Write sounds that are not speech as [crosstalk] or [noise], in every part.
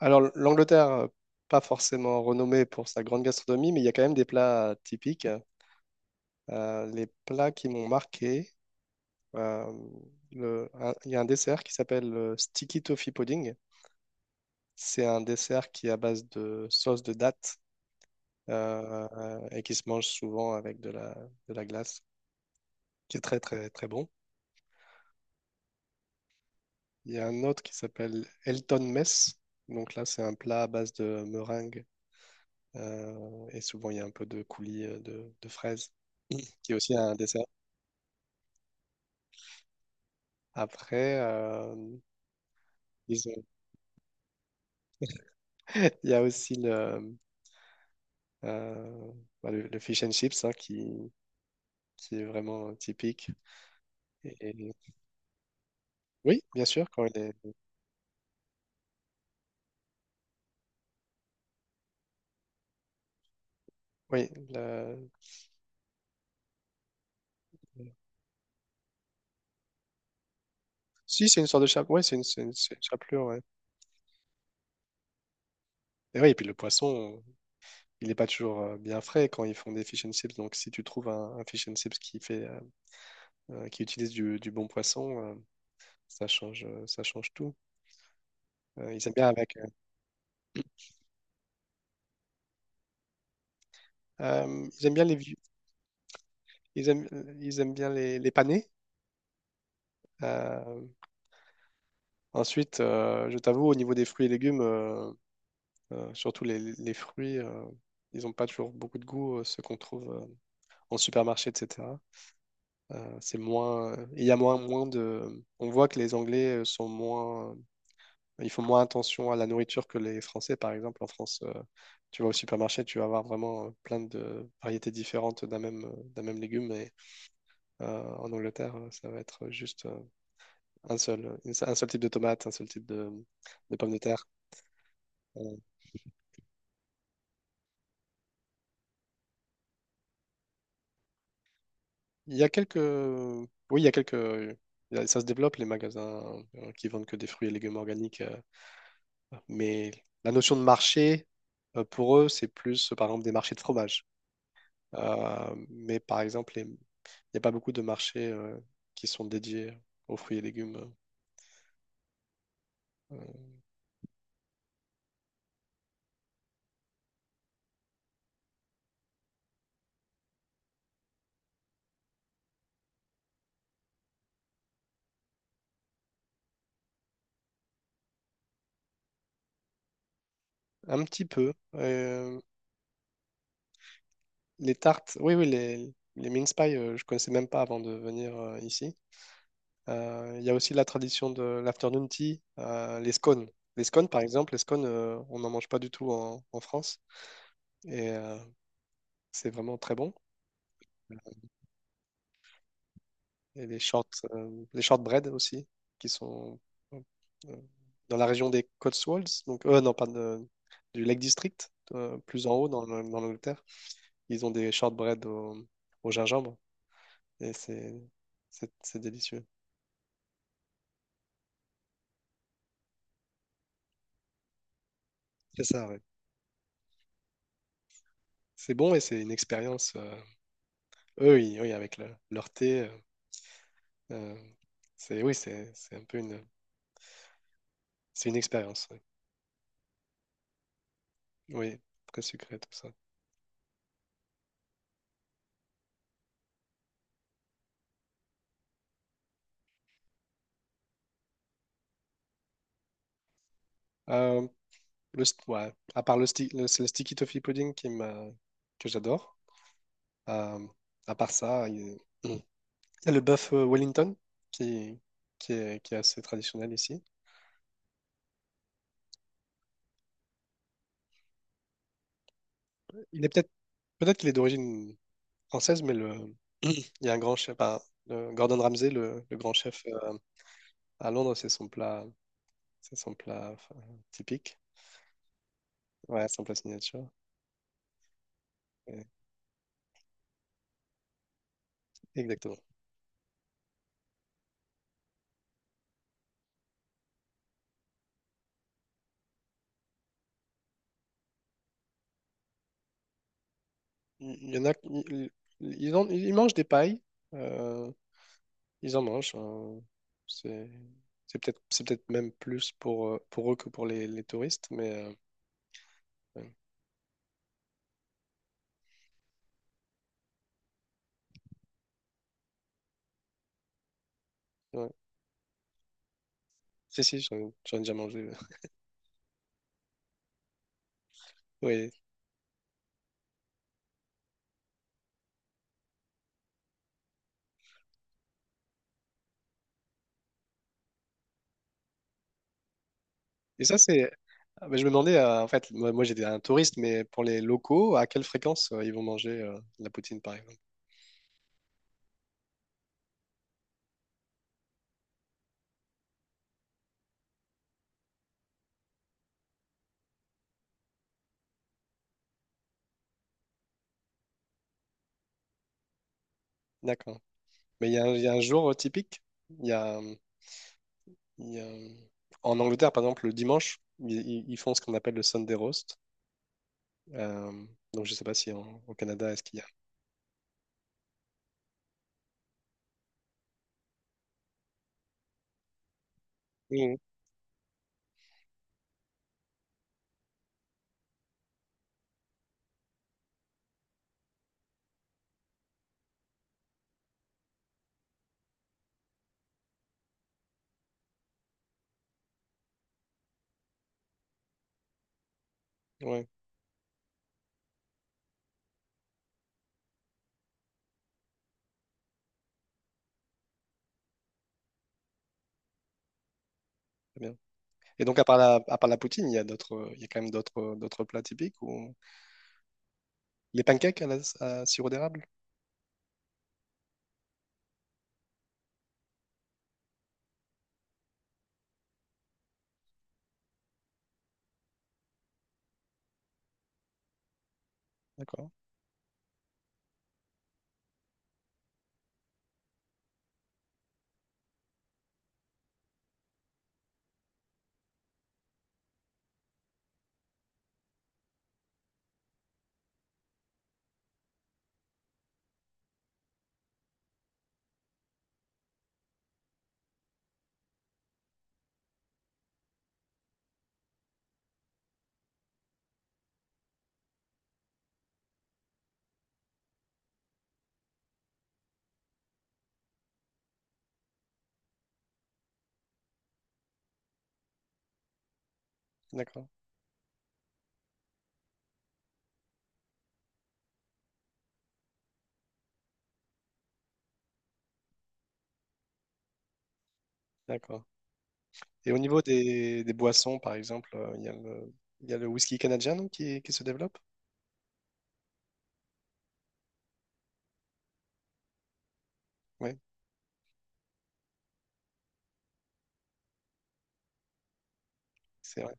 Alors, l'Angleterre, pas forcément renommée pour sa grande gastronomie, mais il y a quand même des plats typiques. Les plats qui m'ont marqué, euh, il y a un dessert qui s'appelle le Sticky Toffee Pudding. C'est un dessert qui est à base de sauce de date euh, et qui se mange souvent avec de la glace, qui est très très très bon. Il y a un autre qui s'appelle Elton Mess. Donc là, c'est un plat à base de meringue et souvent il y a un peu de coulis de fraises qui est aussi un dessert. Après, ils ont- [laughs] il y a aussi euh, le fish and chips hein, qui est vraiment typique. Et- oui, bien sûr, quand il est... Oui, le- Si, c'est une sorte de chapelure. Oui, c'est une chapelure, ouais. Et oui, et puis le poisson, il n'est pas toujours bien frais quand ils font des fish and chips. Donc, si tu trouves un fish and chips qui fait, qui utilise du bon poisson, ça change tout. Ils aiment bien avec... [clears throat] euh, ils aiment bien les vieux- ils aiment, ils aiment bien les panés. Euh, je t'avoue, au niveau des fruits et légumes, surtout les fruits, ils n'ont pas toujours beaucoup de goût, ceux qu'on trouve en supermarché, etc. C'est il y a moins de. On voit que les Anglais sont ils font moins attention à la nourriture que les Français, par exemple. En France, tu vas au supermarché, tu vas avoir vraiment plein de variétés différentes d'un même légume. Et en Angleterre, ça va être juste un seul type de tomate, un seul type de pommes de terre. Euh, Il y a quelques... Oui, il y a quelques... Ça se développe, les magasins qui vendent que des fruits et légumes organiques. Mais la notion de marché, pour eux, c'est plus, par exemple, des marchés de fromage. Mais par exemple, il n'y a pas beaucoup de marchés qui sont dédiés aux fruits et légumes. Euh, un petit peu. Les tartes, oui, oui, les mince pies je connaissais même pas avant de venir ici. Il y a aussi la tradition de l'afternoon tea, les scones. Les scones, par exemple, les scones, on n'en mange pas du tout en, en France et c'est vraiment très bon. Et les shortbread aussi, qui sont euh, dans la région des Cotswolds, donc non, pas de- du Lake District, plus en haut dans, dans l'Angleterre. Ils ont des shortbread au gingembre et c'est délicieux. C'est ça, ouais. C'est bon et c'est une expérience. Oui, avec leur thé. Euh, c'est, oui, c'est un peu c'est une expérience. Oui. Oui, très sucré, tout ça. Euh, le, st- ouais, à part le, sti- le, c'est le sticky toffee pudding que j'adore. Euh, à part ça, il y a hmm, il y a le bœuf Wellington qui, qui est assez traditionnel ici. Il est peut-être peut-être qu'il est d'origine française, il y a un grand chef, enfin, le Gordon Ramsay, le grand chef à Londres, c'est son plat enfin, typique. Ouais, c'est son plat signature. Ouais, exactement. Il y en a, ils mangent des pailles. euh, Ils en mangent. C'est c'est peut-être même plus pour eux que pour les touristes. Mais ouais, ouais. Si, si, j'en ai déjà mangé. [laughs] Oui. Et ça, c'est. Ah, bah, je me demandais, en fait, moi, j'étais un touriste, mais pour les locaux, à quelle fréquence ils vont manger de la poutine, par exemple? D'accord. Mais il y a, un il y a un jour typique. Il y a, il y a- En Angleterre, par exemple, le dimanche, ils font ce qu'on appelle le Sunday roast. Euh, donc je sais pas si au Canada, est-ce qu'il y a... Oui, oui, ouais, très bien. Et donc à part à part la poutine, il y a quand même d'autres plats typiques ou les pancakes à sirop d'érable, d'accord, d'accord, d'accord. Et au niveau des boissons, par exemple, il y a le whisky canadien non, qui se développe. Oui, c'est vrai.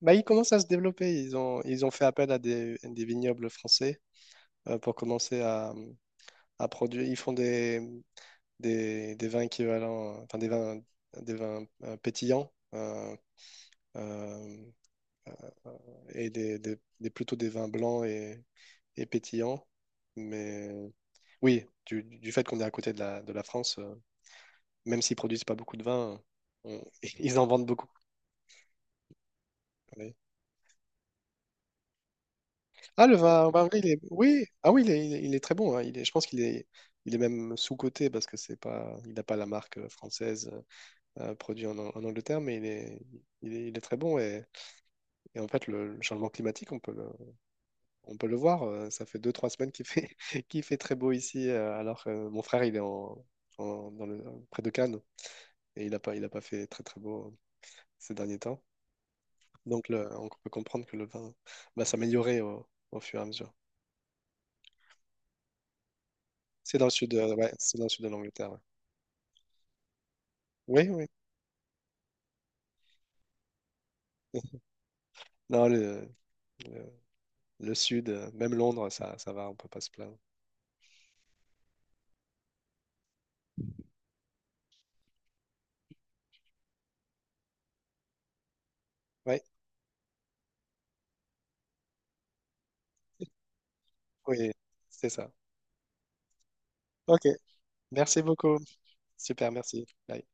Bah, ils commencent à se développer. Ils ont fait appel à des vignobles français pour commencer à produire. Ils font des vins équivalents, des vins pétillants, euh, et plutôt des vins blancs et pétillants. Mais oui, du fait qu'on est à côté de de la France, même s'ils produisent pas beaucoup de vin, on- [laughs] ils en vendent beaucoup. Ouais. Ah, le vin, au Bargello, il est... Oui, ah oui, il est très bon. Hein. Je pense qu'il est, il est même sous-coté parce que c'est pas, il n'a pas la marque française produite en, en Angleterre, il est très bon. Et en fait, le changement climatique, on peut le voir. Ça fait deux, trois semaines qu'il fait, [laughs] qu'il fait très beau ici, alors que mon frère, il est en, en- dans le, près de Cannes et il a pas fait très, très beau ces derniers temps. Donc, on peut comprendre que le vin va s'améliorer au fur et à mesure. C'est dans le sud, ouais, c'est dans le sud de l'Angleterre. Ouais. Oui, oui. Non, le, le sud, même Londres, ça va, on peut pas se plaindre. Ouais, oui, c'est ça. Ok, merci beaucoup. Super, merci. Bye.